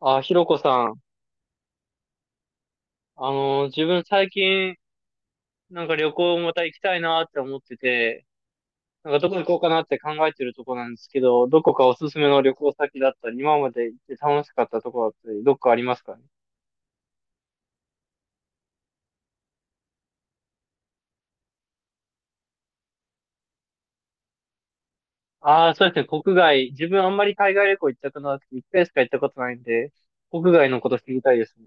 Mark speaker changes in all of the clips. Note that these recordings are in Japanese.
Speaker 1: あ、ひろこさん。自分最近、なんか旅行また行きたいなって思ってて、なんかどこ行こうかなって考えてるとこなんですけど、どこかおすすめの旅行先だったり、今まで行って楽しかったとこだったり、どっかありますかね？ああ、そうですね、国外。自分あんまり海外旅行行ったことなくて、一回しか行ったことないんで、国外のこと知りたいですね。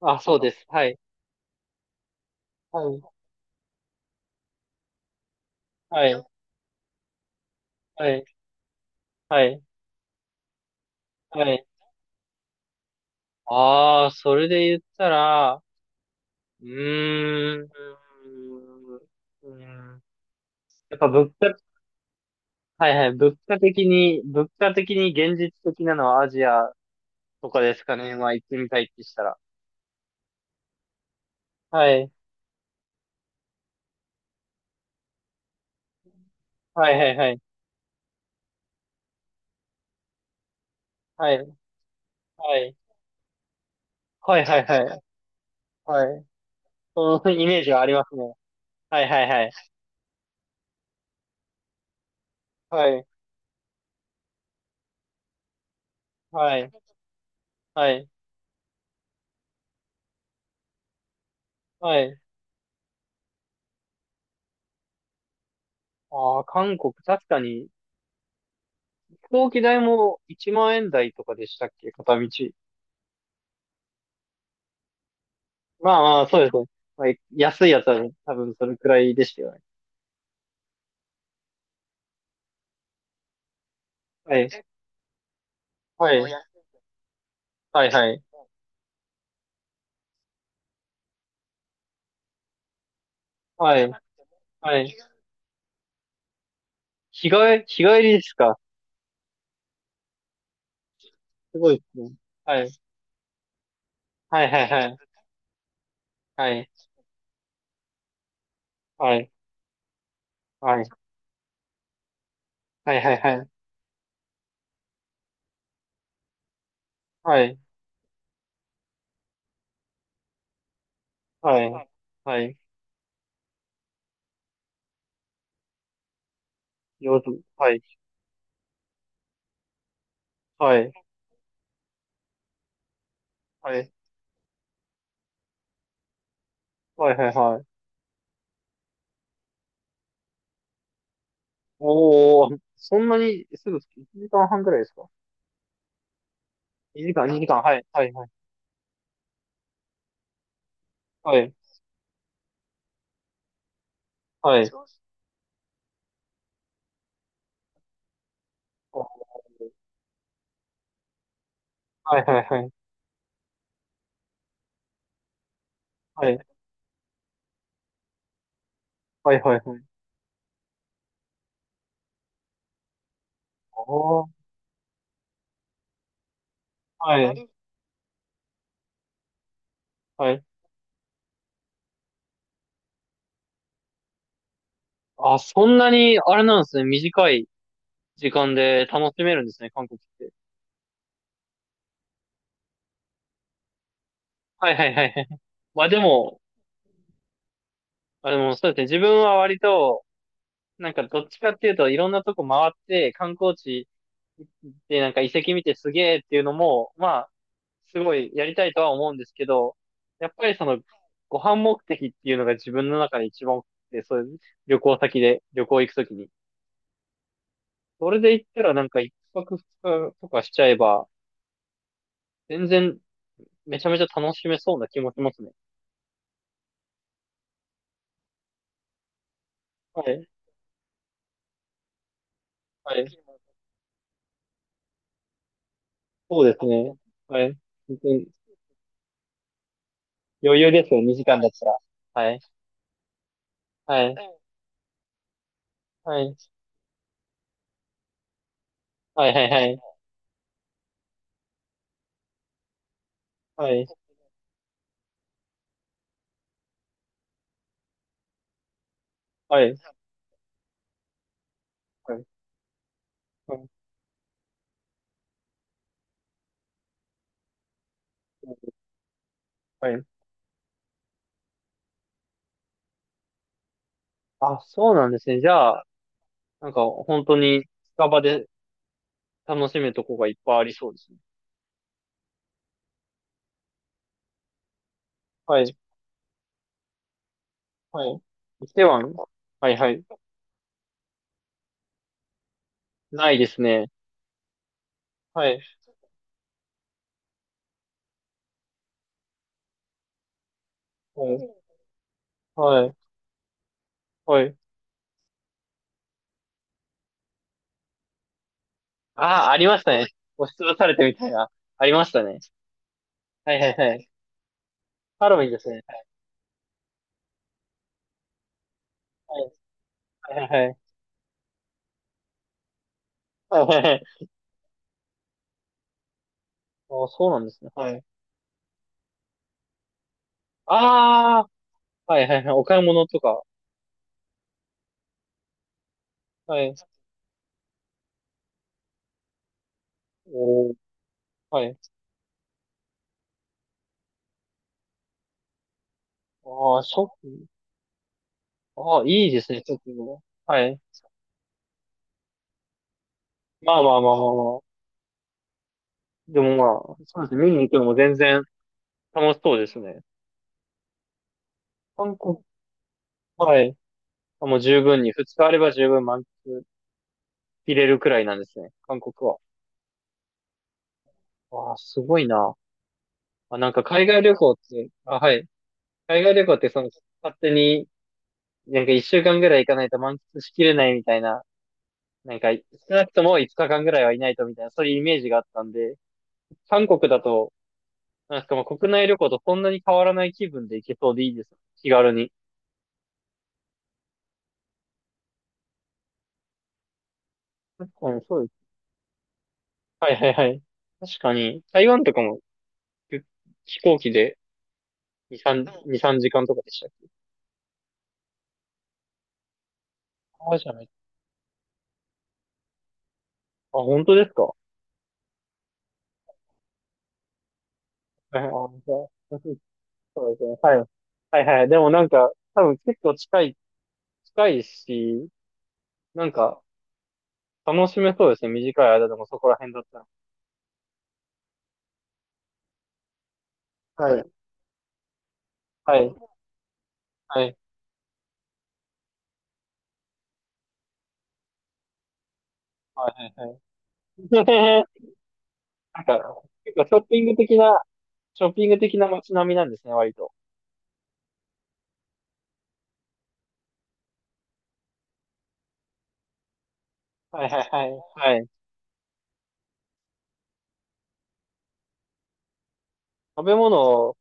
Speaker 1: あ、そうです。はい。はい。はい。はい。はい。はい。ああ、それで言ったら、うーん。うーん。やっぱ物価、はいはい、物価的に現実的なのはアジアとかですかね。まあ行ってみたいってしたら。はい。はいはいはい。はい。はい。はいはいはい。はい。そのイメージはありますね。はいはいはい。はい。はい。はい。はい。ああ、韓国、確かに、飛行機代も1万円台とかでしたっけ？片道。まあまあ、そうですね。まあ、安いやつはね多分それくらいでしたよね。はい。はい。はいはい。はい。はい。日帰り、日帰りですか？すごいですね。はい。はいはいはい。はい。はい。はいはいはい。はい。はい。はい。はい。夜。はい。はい。はい。はいはいはい。おー、そんなにすぐ、1時間半ぐらいですか ?2 時間、2時間。はい。はいはい。はい。はい。おー。はいはいはい。はい。はいはいはい。おー。はい。はい。あ、そんなに、あれなんですね。短い時間で楽しめるんですね、韓国って。はいはいはいはい。まあでも、あ、でもそうですね。自分は割と、なんかどっちかっていうといろんなとこ回って観光地でなんか遺跡見てすげえっていうのも、まあ、すごいやりたいとは思うんですけど、やっぱりその、ご飯目的っていうのが自分の中で一番多くて、そういう旅行先で、旅行行くときに。それで行ったらなんか一泊二日とかしちゃえば、全然めちゃめちゃ楽しめそうな気もしますね。はい。はい。そうですね。はい。本当に余裕ですよ、2時間だったら。はい。はい。はい。はい、はい、はい。はい、はい、はい。はい。はいはい。あ、そうなんですね。じゃあ、なんか、本当に、近場で楽しめるとこがいっぱいありそうですね。はい、はい。来てははい、はい。ないですね。はい、はい、はい、はい。あ、ありましたね。押しつぶされてみたいな。ありましたね。はい、はい、はい。ハロウィンですね。はい、はい、はい。はい、はい、はい。あ、そうなんですね。はい。ああ、はい、はい、はい。お買い物とか。はい。おー、はい。ああ、ショッああ、いいですね、ちょっと。はい。まあまあまあまあまあ。でもまあ、そうですね。見に行くのも全然楽しそうですね。韓国、はい。あ、もう十分に、二日あれば十分満喫入れるくらいなんですね。韓国は。わあ、すごいな。あ、なんか海外旅行って、あ、はい。海外旅行ってその、勝手に、なんか一週間ぐらい行かないと満喫しきれないみたいな、なんか、少なくとも五日間ぐらいはいないとみたいな、そういうイメージがあったんで、韓国だと、なんかまあ国内旅行とそんなに変わらない気分で行けそうでいいです。気軽に。確かにそうです。はいはいはい。確かに、台湾とかも飛飛行機で2、3、2、3時間とかでしたっけ？あ、じゃない。あ、本当ですか？はいはい。あ、じゃあ、そうですね。はい。はいはい。でもなんか、多分結構近い、近いし、なんか、楽しめそうですね。短い間でもそこら辺だったら。はい。はい。はい。はいはいはい。なんか、結構ショッピング的な街並みなんですね、割と。はいはいはい。はい。食べ物を、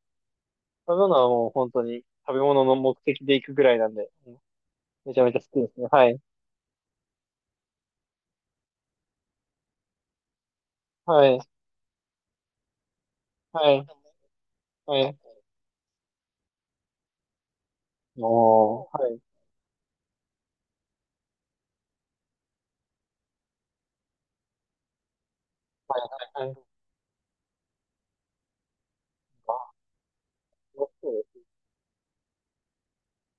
Speaker 1: 食べ物はもう本当に食べ物の目的で行くぐらいなんで、めちゃめちゃ好きですね。はい。はい。はい。はい。おー、はい。はい。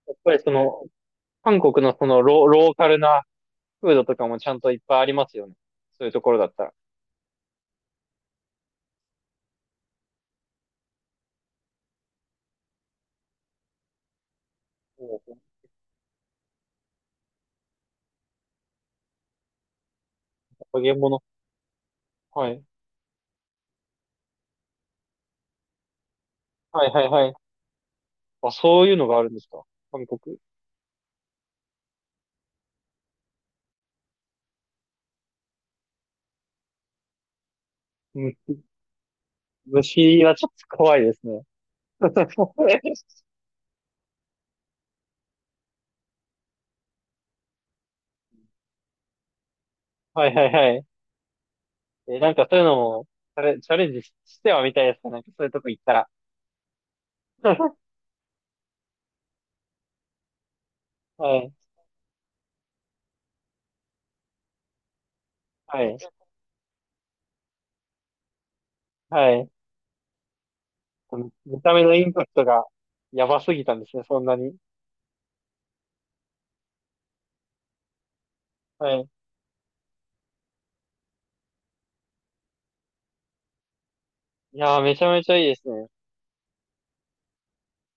Speaker 1: やっぱりその、韓国のそのローカルなフードとかもちゃんといっぱいありますよね。そういうところだったら。おー。揚げ物。はい。はいはいはい。あ、そういうのがあるんですか？韓国。む、虫はちょっと怖いですね。はいはいはい。え、なんかそういうのも、チャレンジしてはみたいですね。なんかそういうとこ行ったら。はい、はい、はい。見た目のインパクトがやばすぎたんですね、そんなに。はい。いやー、めちゃめちゃいいですね。